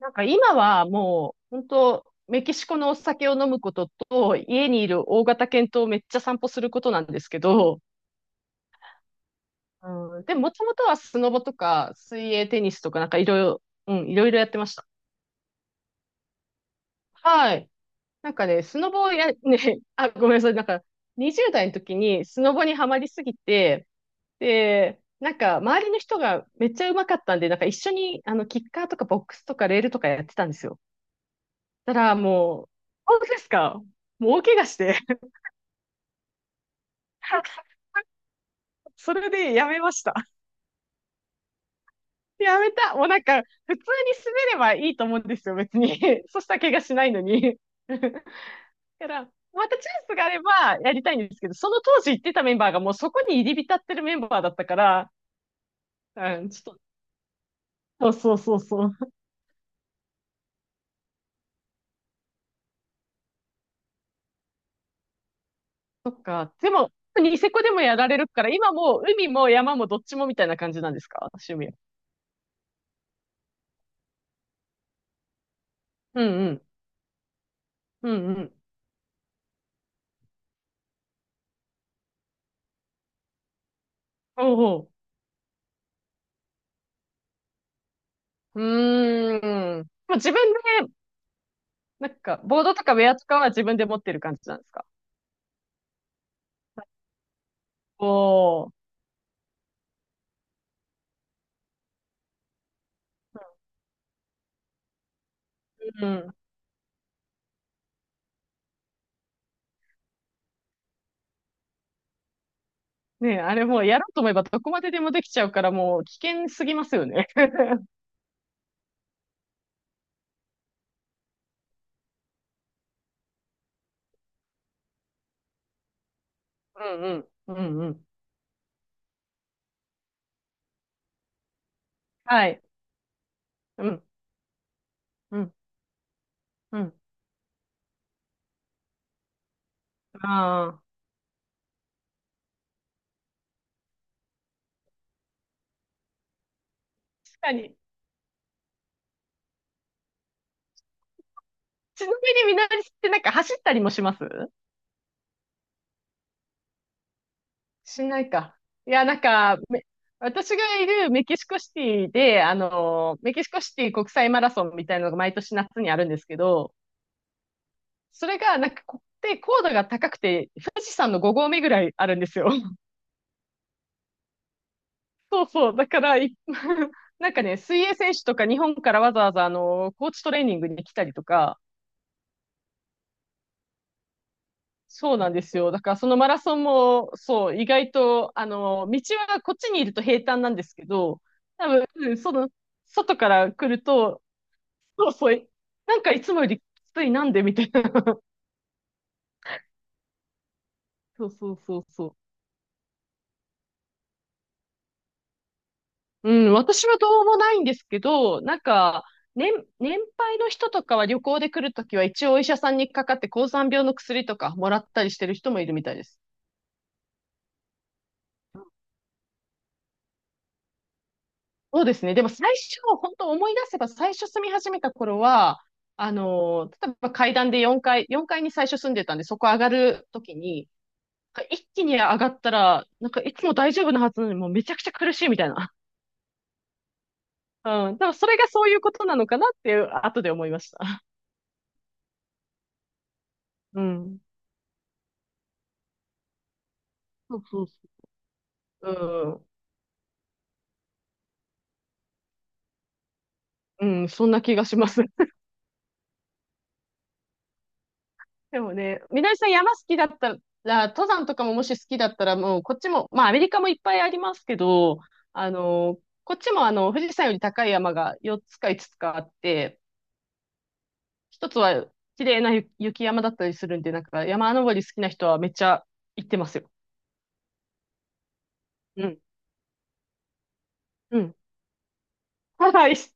なんか今はもう本当メキシコのお酒を飲むことと家にいる大型犬とめっちゃ散歩することなんですけど、うん、でももともとはスノボとか水泳テニスとかなんかいろいろ、うん、いろいろやってました。はい。なんかね、スノボをや、ね、あ、ごめんなさい。なんか20代の時にスノボにはまりすぎて、で、なんか周りの人がめっちゃ上手かったんで、なんか一緒にあのキッカーとかボックスとかレールとかやってたんですよ。たらもう、本当ですか？もう大怪我して。 それでやめました。やめた。もうなんか、普通に滑ればいいと思うんですよ、別に。そしたら怪我しないのに。だから、またチャンスがあればやりたいんですけど、その当時行ってたメンバーがもうそこに入り浸ってるメンバーだったから、うん、ちょっと、そうそうそうそう。そっか。でも、ニセコでもやられるから、今もう海も山もどっちもみたいな感じなんですか？趣味は。うんうん。うんうん。おうおう。うーん。まあ、自分でなんか、ボードとかウェアとかは自分で持ってる感じなんですか？おー。うん。ねえ、あれもうやろうと思えばどこまででもできちゃうからもう危険すぎますよね。うんうん。うんうん。はい。うん。うん。うん。ああ。確かに。ちなみにみなりってなんか走ったりもします？しないか。いや、なんか、私がいるメキシコシティで、あの、メキシコシティ国際マラソンみたいなのが毎年夏にあるんですけど、それが、なんかこ、で、高度が高くて、富士山の5合目ぐらいあるんですよ。そうそう。だから、なんかね、水泳選手とか日本からわざわざ、あの、コーチトレーニングに来たりとか、そうなんですよ。だから、そのマラソンも、そう、意外と、あの、道はこっちにいると平坦なんですけど、うん、その、外から来ると、そうそう、なんかいつもよりきついなんでみたいな。そうそうそうそう。うん、私はどうもないんですけど、なんか、年、年配の人とかは旅行で来るときは一応お医者さんにかかって高山病の薬とかもらったりしてる人もいるみたいです。そうですね。でも最初、本当思い出せば最初住み始めた頃は、あのー、例えば階段で4階に最初住んでたんで、そこ上がるときに、一気に上がったら、なんかいつも大丈夫なはずなのにもうめちゃくちゃ苦しいみたいな。うん。でもそれがそういうことなのかなっていう、後で思いました。うん。そうそうそう。うん、そんな気がします。でもね、みなりさん山好きだったら、登山とかももし好きだったら、もうこっちも、まあアメリカもいっぱいありますけど、あの、こっちもあの、富士山より高い山が4つか5つつかあって、一つは綺麗な雪山だったりするんで、なんか山登り好きな人はめっちゃ行ってますよ。うん。うん。はい、一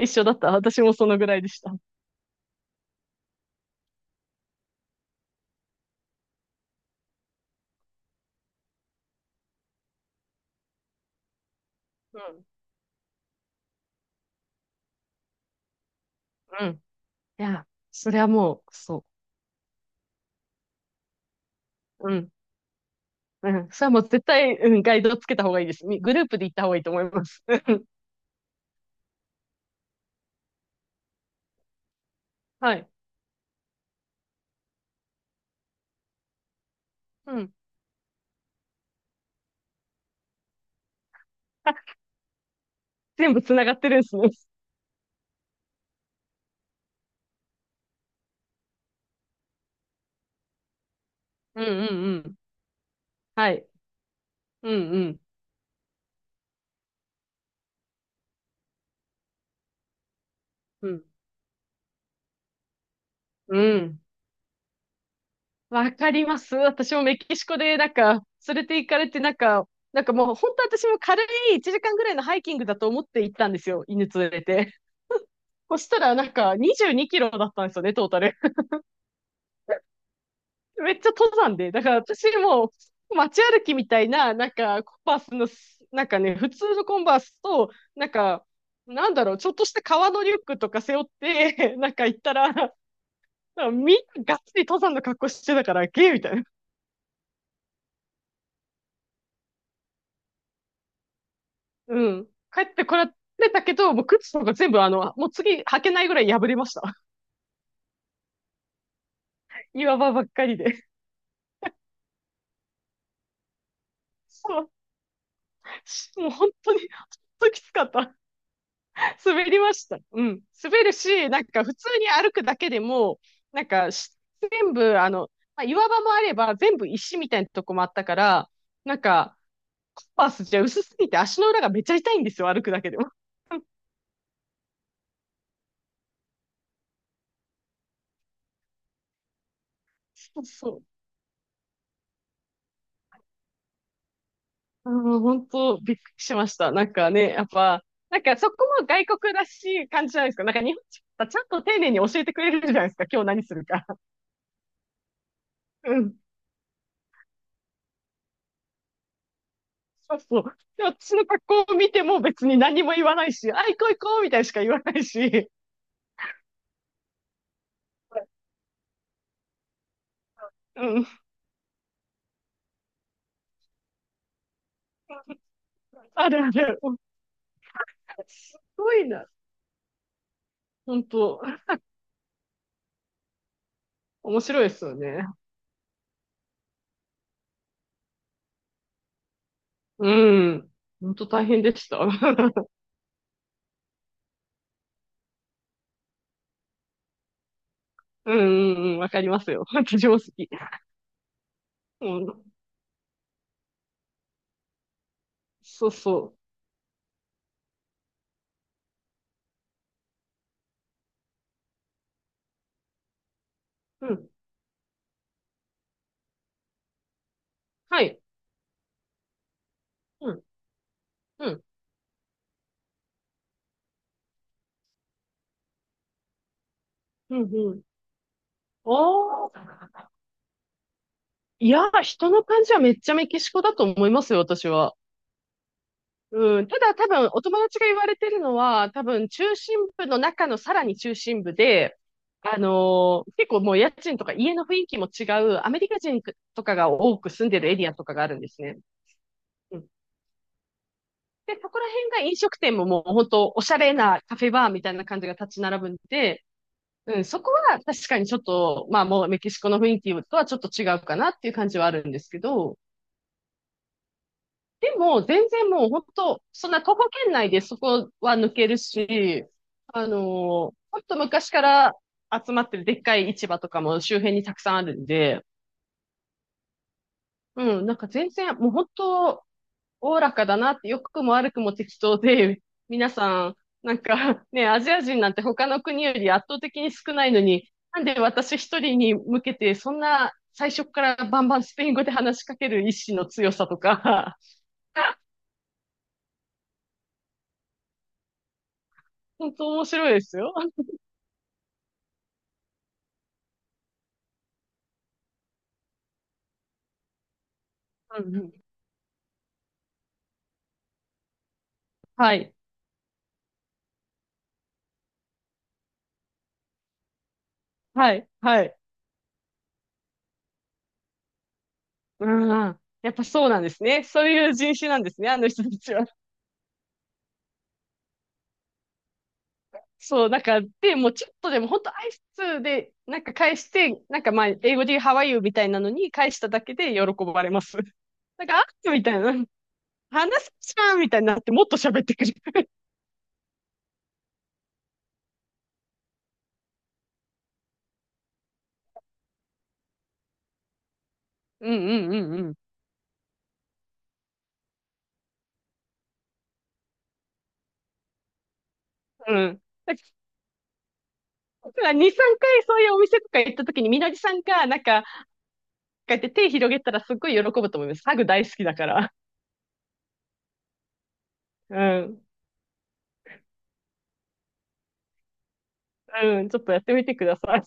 一緒だった。私もそのぐらいでした。うん。うん。いや、それはもう、そう。うん。うん。それはもう絶対、うん、ガイドつけた方がいいです。グループで行った方がいいと思います。はい。うん。あ、全部つながってるんですね。うんうんうん。はい。うんうん。うん。うん。わかります。私もメキシコで、なんか、連れて行かれて、なんか、なんかもう、本当私も軽い1時間ぐらいのハイキングだと思って行ったんですよ。犬連れて。そしたら、なんか、22キロだったんですよね、トータル。めっちゃ登山で。だから私もう街歩きみたいな、なんかコンバースのなんかね、普通のコンバースと、なんか、なんだろう、ちょっとした革のリュックとか背負って、なんか行ったら、なんかみんながっつり登山の格好してたから、ゲーみたいな。うん。帰ってこられたけど、もう靴とか全部あの、もう次履けないぐらい破れました。岩場ばっかりで。そう。もう本当に、本当きつかった。滑りました。うん。滑るし、なんか普通に歩くだけでも、なんか全部、あの、まあ、岩場もあれば全部石みたいなとこもあったから、なんか、パースじゃ薄すぎて足の裏がめっちゃ痛いんですよ、歩くだけでも。そうそう。あの、本当びっくりしました。なんかね、やっぱ、なんかそこも外国らしい感じじゃないですか。なんか日本人はちゃんと丁寧に教えてくれるじゃないですか、今日何するか。うん。そうそう。で、私の格好を見ても別に何も言わないし、あ、行こう行こうみたいにしか言わないし、うん。あるある。すごいな。本当、面白いですよね。うん。本当大変でした。うんうんうん、わかりますよ。私も好き。うん。そうそう。うん。はい。うん。うん。うんうん。ああ。いや、人の感じはめっちゃメキシコだと思いますよ、私は。うん、ただ多分お友達が言われてるのは、多分中心部の中のさらに中心部で、あのー結構もう家賃とか家の雰囲気も違う、アメリカ人とかが多く住んでるエリアとかがあるんですね。うん、で、そこら辺が飲食店ももう本当おしゃれなカフェバーみたいな感じが立ち並ぶんで、うん、そこは確かにちょっと、まあもうメキシコの雰囲気とはちょっと違うかなっていう感じはあるんですけど、でも、全然もう本当、そんな徒歩圏内でそこは抜けるし、あのーほんと昔から集まってるでっかい市場とかも周辺にたくさんあるんで、うん、なんか全然、もう本当、おおらかだなって、良くも悪くも適当で、皆さん、なんかね、アジア人なんて他の国より圧倒的に少ないのに、なんで私一人に向けて、そんな最初からバンバンスペイン語で話しかける意志の強さとか、本当面白いですよ。うんうん。はい。はい。はい。うん。やっぱそうなんですね。そういう人種なんですね、あの人たちは。そう、なんか、で、もうちょっとでも、本当挨拶で、なんか返して、なんかまあ、英語で How are you みたいなのに返しただけで喜ばれます。なんか、あみたいな、話すじゃんみたいになって、もっと喋ってくる。うんうんうんうん。うん。だから2、3回そういうお店とか行った時に、みのりさんが、なんか、こうやって手広げたらすっごい喜ぶと思います。ハグ大好きだから。うん。うん、ちょっとやってみてください。